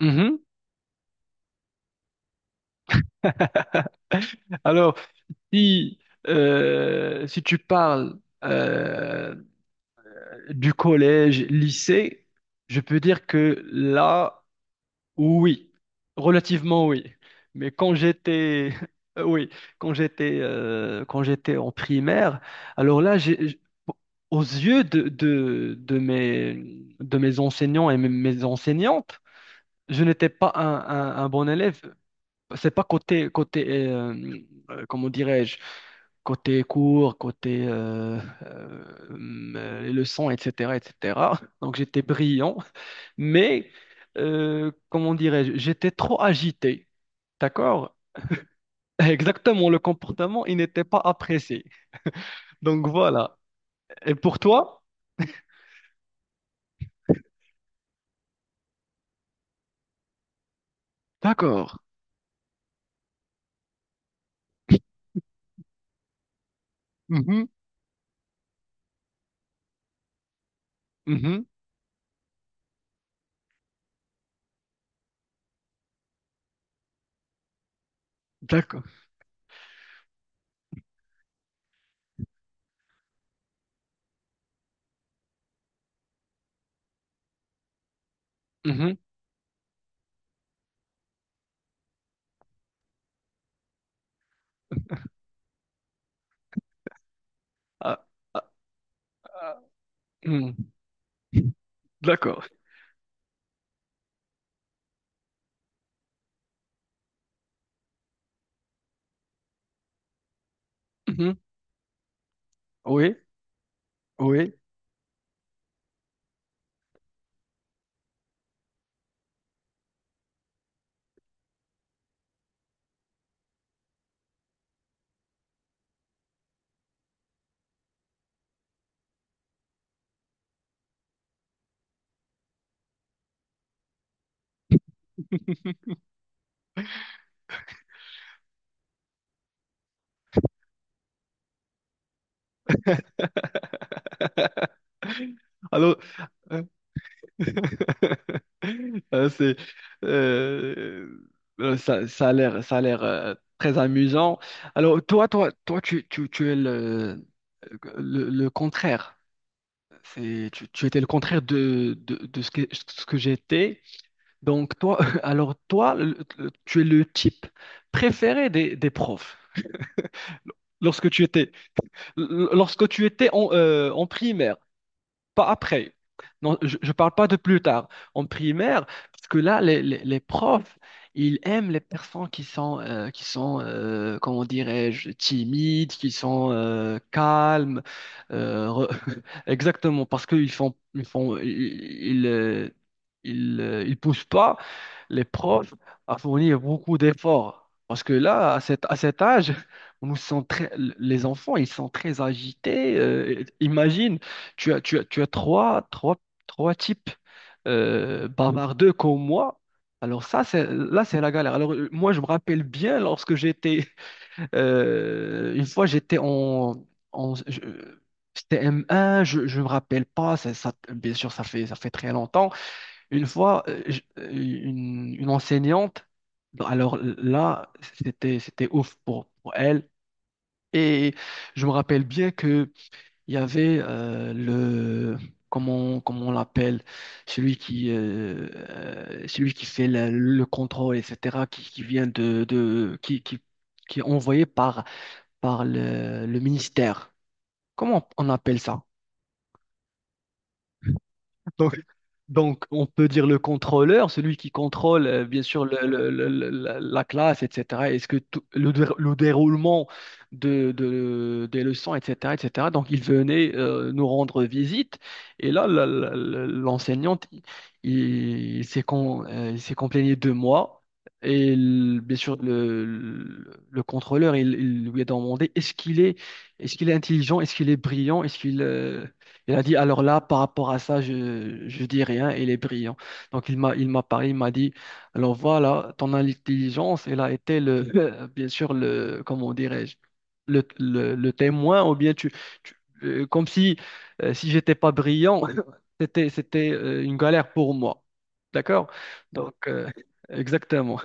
Mhm. Alors, si, si tu parles euh, du collège, lycée, je peux dire que là, oui, relativement oui. Mais quand j'étais, oui, quand j'étais en primaire, alors là, aux yeux de mes enseignants et mes enseignantes, je n'étais pas un bon élève, c'est pas côté comment dirais-je, côté cours, côté les leçons, etc., etc. Donc j'étais brillant, mais comment dirais-je, j'étais trop agité. D'accord? Exactement, le comportement, il n'était pas apprécié. Donc voilà. Et pour toi? D'accord. Mhm, mhm. D'accord. Mhm. Ah, ah, ah. Hmm. D'accord. Mhm. Oui, oui. Alors, euh, euh, c'est, euh, ça a l'air très amusant. Alors, toi, tu es le contraire. Tu étais le contraire de ce que j'étais. Donc, toi, alors, toi, tu es le type préféré des profs. Lorsque tu étais, lorsque tu étais en primaire. Pas après. Non, je ne parle pas de plus tard, en primaire, parce que là, les profs, ils aiment les personnes qui sont comment dirais-je, timides, qui sont calmes, euh, re- exactement, parce qu'ils font, ils poussent pas les profs à fournir beaucoup d'efforts. Parce que là, à cet âge, on nous sent très- les enfants, ils sont très agités. Imagine, tu as trois types bavardeux comme moi. Alors ça, là, c'est la galère. Alors moi, je me rappelle bien une fois, j'étais en je- c'était M1. Je ne me rappelle pas, bien sûr, ça fait très longtemps. Une fois, une enseignante, bah, alors là, c'était ouf pour elle. Et je me rappelle bien, il y avait le, comment on l'appelle, celui qui fait le contrôle, etc., qui vient qui est envoyé par le ministère. Comment on appelle ça? Donc, donc, on peut dire le contrôleur, celui qui contrôle, bien sûr, la classe, etc. Est-ce que tout- le, dé- Le déroulement des leçons, etc., etc. Donc, il venait nous rendre visite. Et là, l'enseignante, il s'est complaigné de moi. Et bien sûr, le contrôleur, il lui a demandé, est-ce qu'il est intelligent, est-ce qu'il est brillant, est-ce qu'il... Il a dit, alors là, par rapport à ça, je dis rien, il est brillant. Donc, il m'a parlé, il m'a dit, alors voilà, ton intelligence, elle a été bien sûr, comment dirais-je, le témoin, ou bien tu- comme si, si j'étais pas brillant, c'était une galère pour moi. D'accord? Donc, exactement.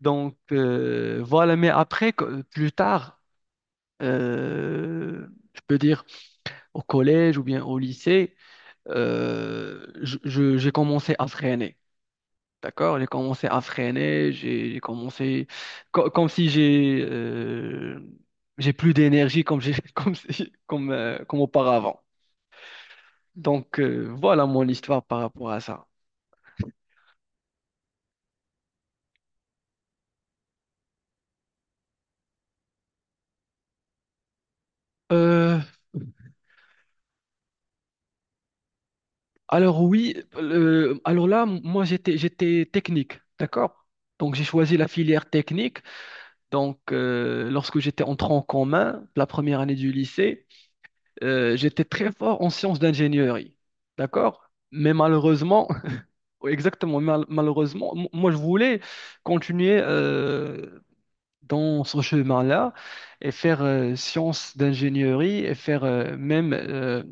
Donc, voilà, mais après, plus tard, euh, je peux dire au collège ou bien au lycée, j'ai commencé à freiner. D'accord? J'ai commencé à freiner, j'ai commencé comme si j'ai plus d'énergie comme j'ai comme si- comme comme auparavant. Donc voilà mon histoire par rapport à ça. Euh, alors oui, alors là, moi j'étais technique, d'accord? Donc j'ai choisi la filière technique. Donc lorsque j'étais en tronc commun, la première année du lycée, j'étais très fort en sciences d'ingénierie, d'accord? Mais malheureusement, exactement, malheureusement, moi je voulais continuer dans ce chemin-là et faire sciences d'ingénierie et faire même euh,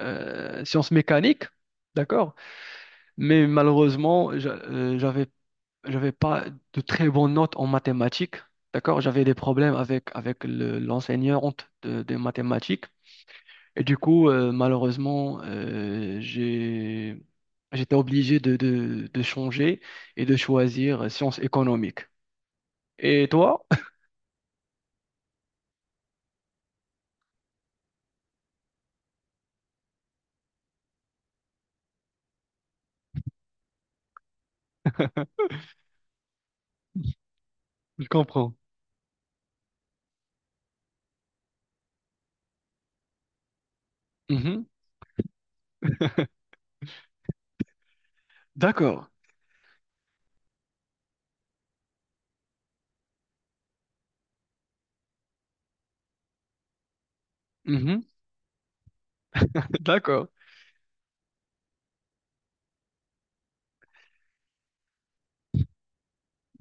euh, sciences mécaniques, d'accord? Mais malheureusement, j'avais pas de très bonnes notes en mathématiques, d'accord? J'avais des problèmes avec l'enseignante des mathématiques. Et du coup, malheureusement, j'étais obligé de changer et de choisir sciences économiques. Et toi? Je comprends. Mhm. D'accord. Mhm. D'accord.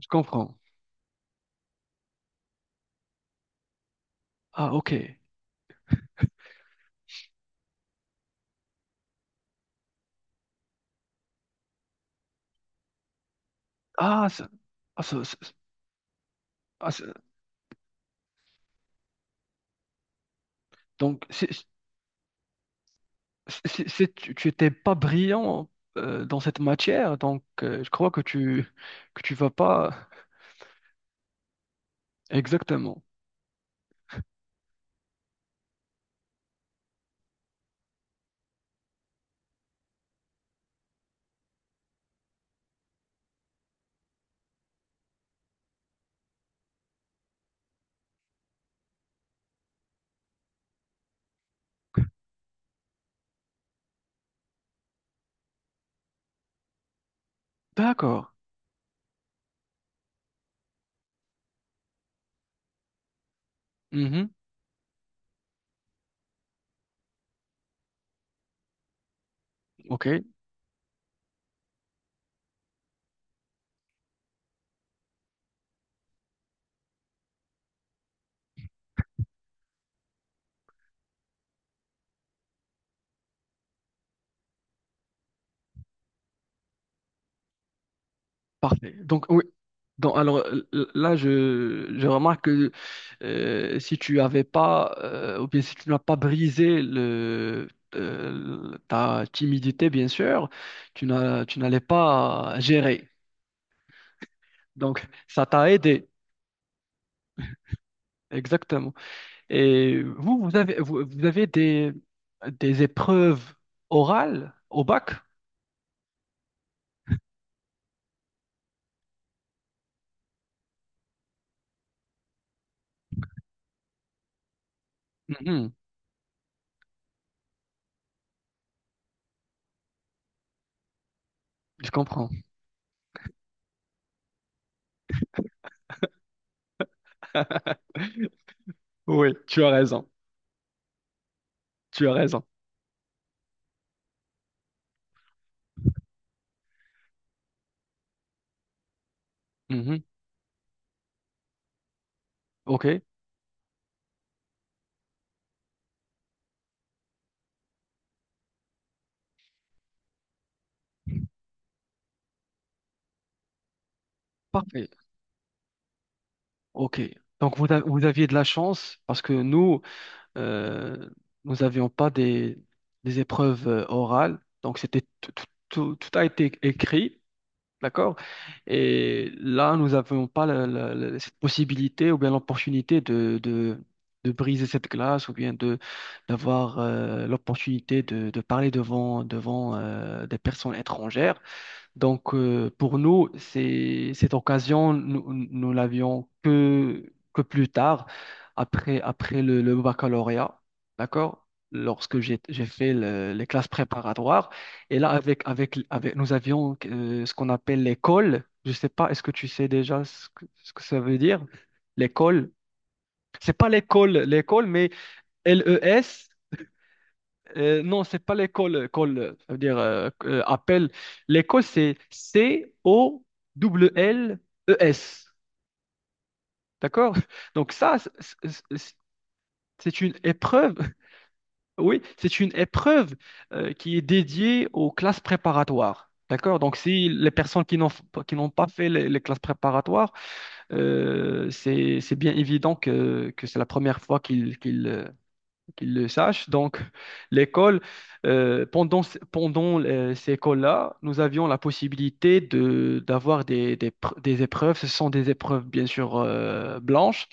Je comprends. Ah, ok. Ah, ça- ah, ça- ça- ah, ça- donc, tu étais pas brillant dans cette matière, donc je crois que tu vas pas. Exactement. D'accord. Mhm. Ok. Parfait. Donc, oui. Donc, là, je remarque que si tu avais pas, ou bien si tu n'as pas brisé ta timidité, bien sûr, tu n'allais pas gérer. Donc, ça t'a aidé. Exactement. Et vous avez des épreuves orales au bac? Mhm. Je comprends. Oui, tu as raison. Tu as raison. Mhm. OK. Parfait. Ok. Donc vous, vous aviez de la chance parce que nous, euh, nous n'avions pas des épreuves orales. Donc c'était tout a été écrit, d'accord? Et là, nous n'avions pas cette possibilité ou bien l'opportunité de briser cette glace ou bien de d'avoir l'opportunité de parler devant des personnes étrangères. Donc, pour nous, cette occasion, nous l'avions que plus tard, après le baccalauréat, d'accord? Lorsque j'ai fait les classes préparatoires. Et là, nous avions ce qu'on appelle l'école. Je ne sais pas, est-ce que tu sais déjà ce que ça veut dire? L'école. C'est pas l'école, l'école, mais LES. Non, c'est pas l'école, call, ça veut dire appel. L'école, c'est Colles. D'accord? Donc ça, c'est- c'est une épreuve, oui, c'est une épreuve qui est dédiée aux classes préparatoires. D'accord? Donc si les personnes qui n'ont pas fait les classes préparatoires, c'est bien évident que c'est la première fois qu'ils le sachent. Donc, l'école, pendant ces écoles-là, nous avions la possibilité d'avoir des épreuves. Ce sont des épreuves, bien sûr, blanches,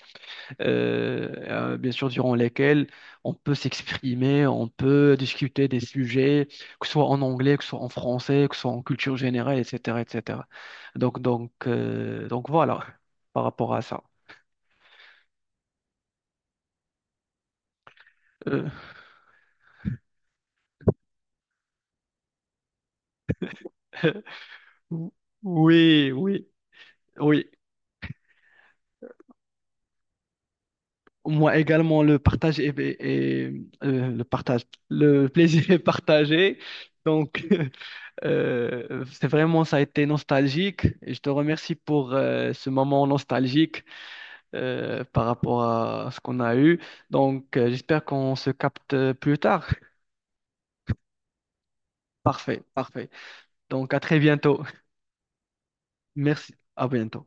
euh, bien sûr, durant lesquelles on peut s'exprimer, on peut discuter des sujets, que ce soit en anglais, que ce soit en français, que ce soit en culture générale, etc., etc. Donc voilà, par rapport à ça. Euh, oui, oui, oui. Moi également, le partage est, est- est- le partage, le plaisir est partagé. Donc, c'est vraiment, ça a été nostalgique. Et je te remercie pour ce moment nostalgique, par rapport à ce qu'on a eu. Donc, j'espère qu'on se capte plus tard. Parfait, parfait. Donc, à très bientôt. Merci. À bientôt.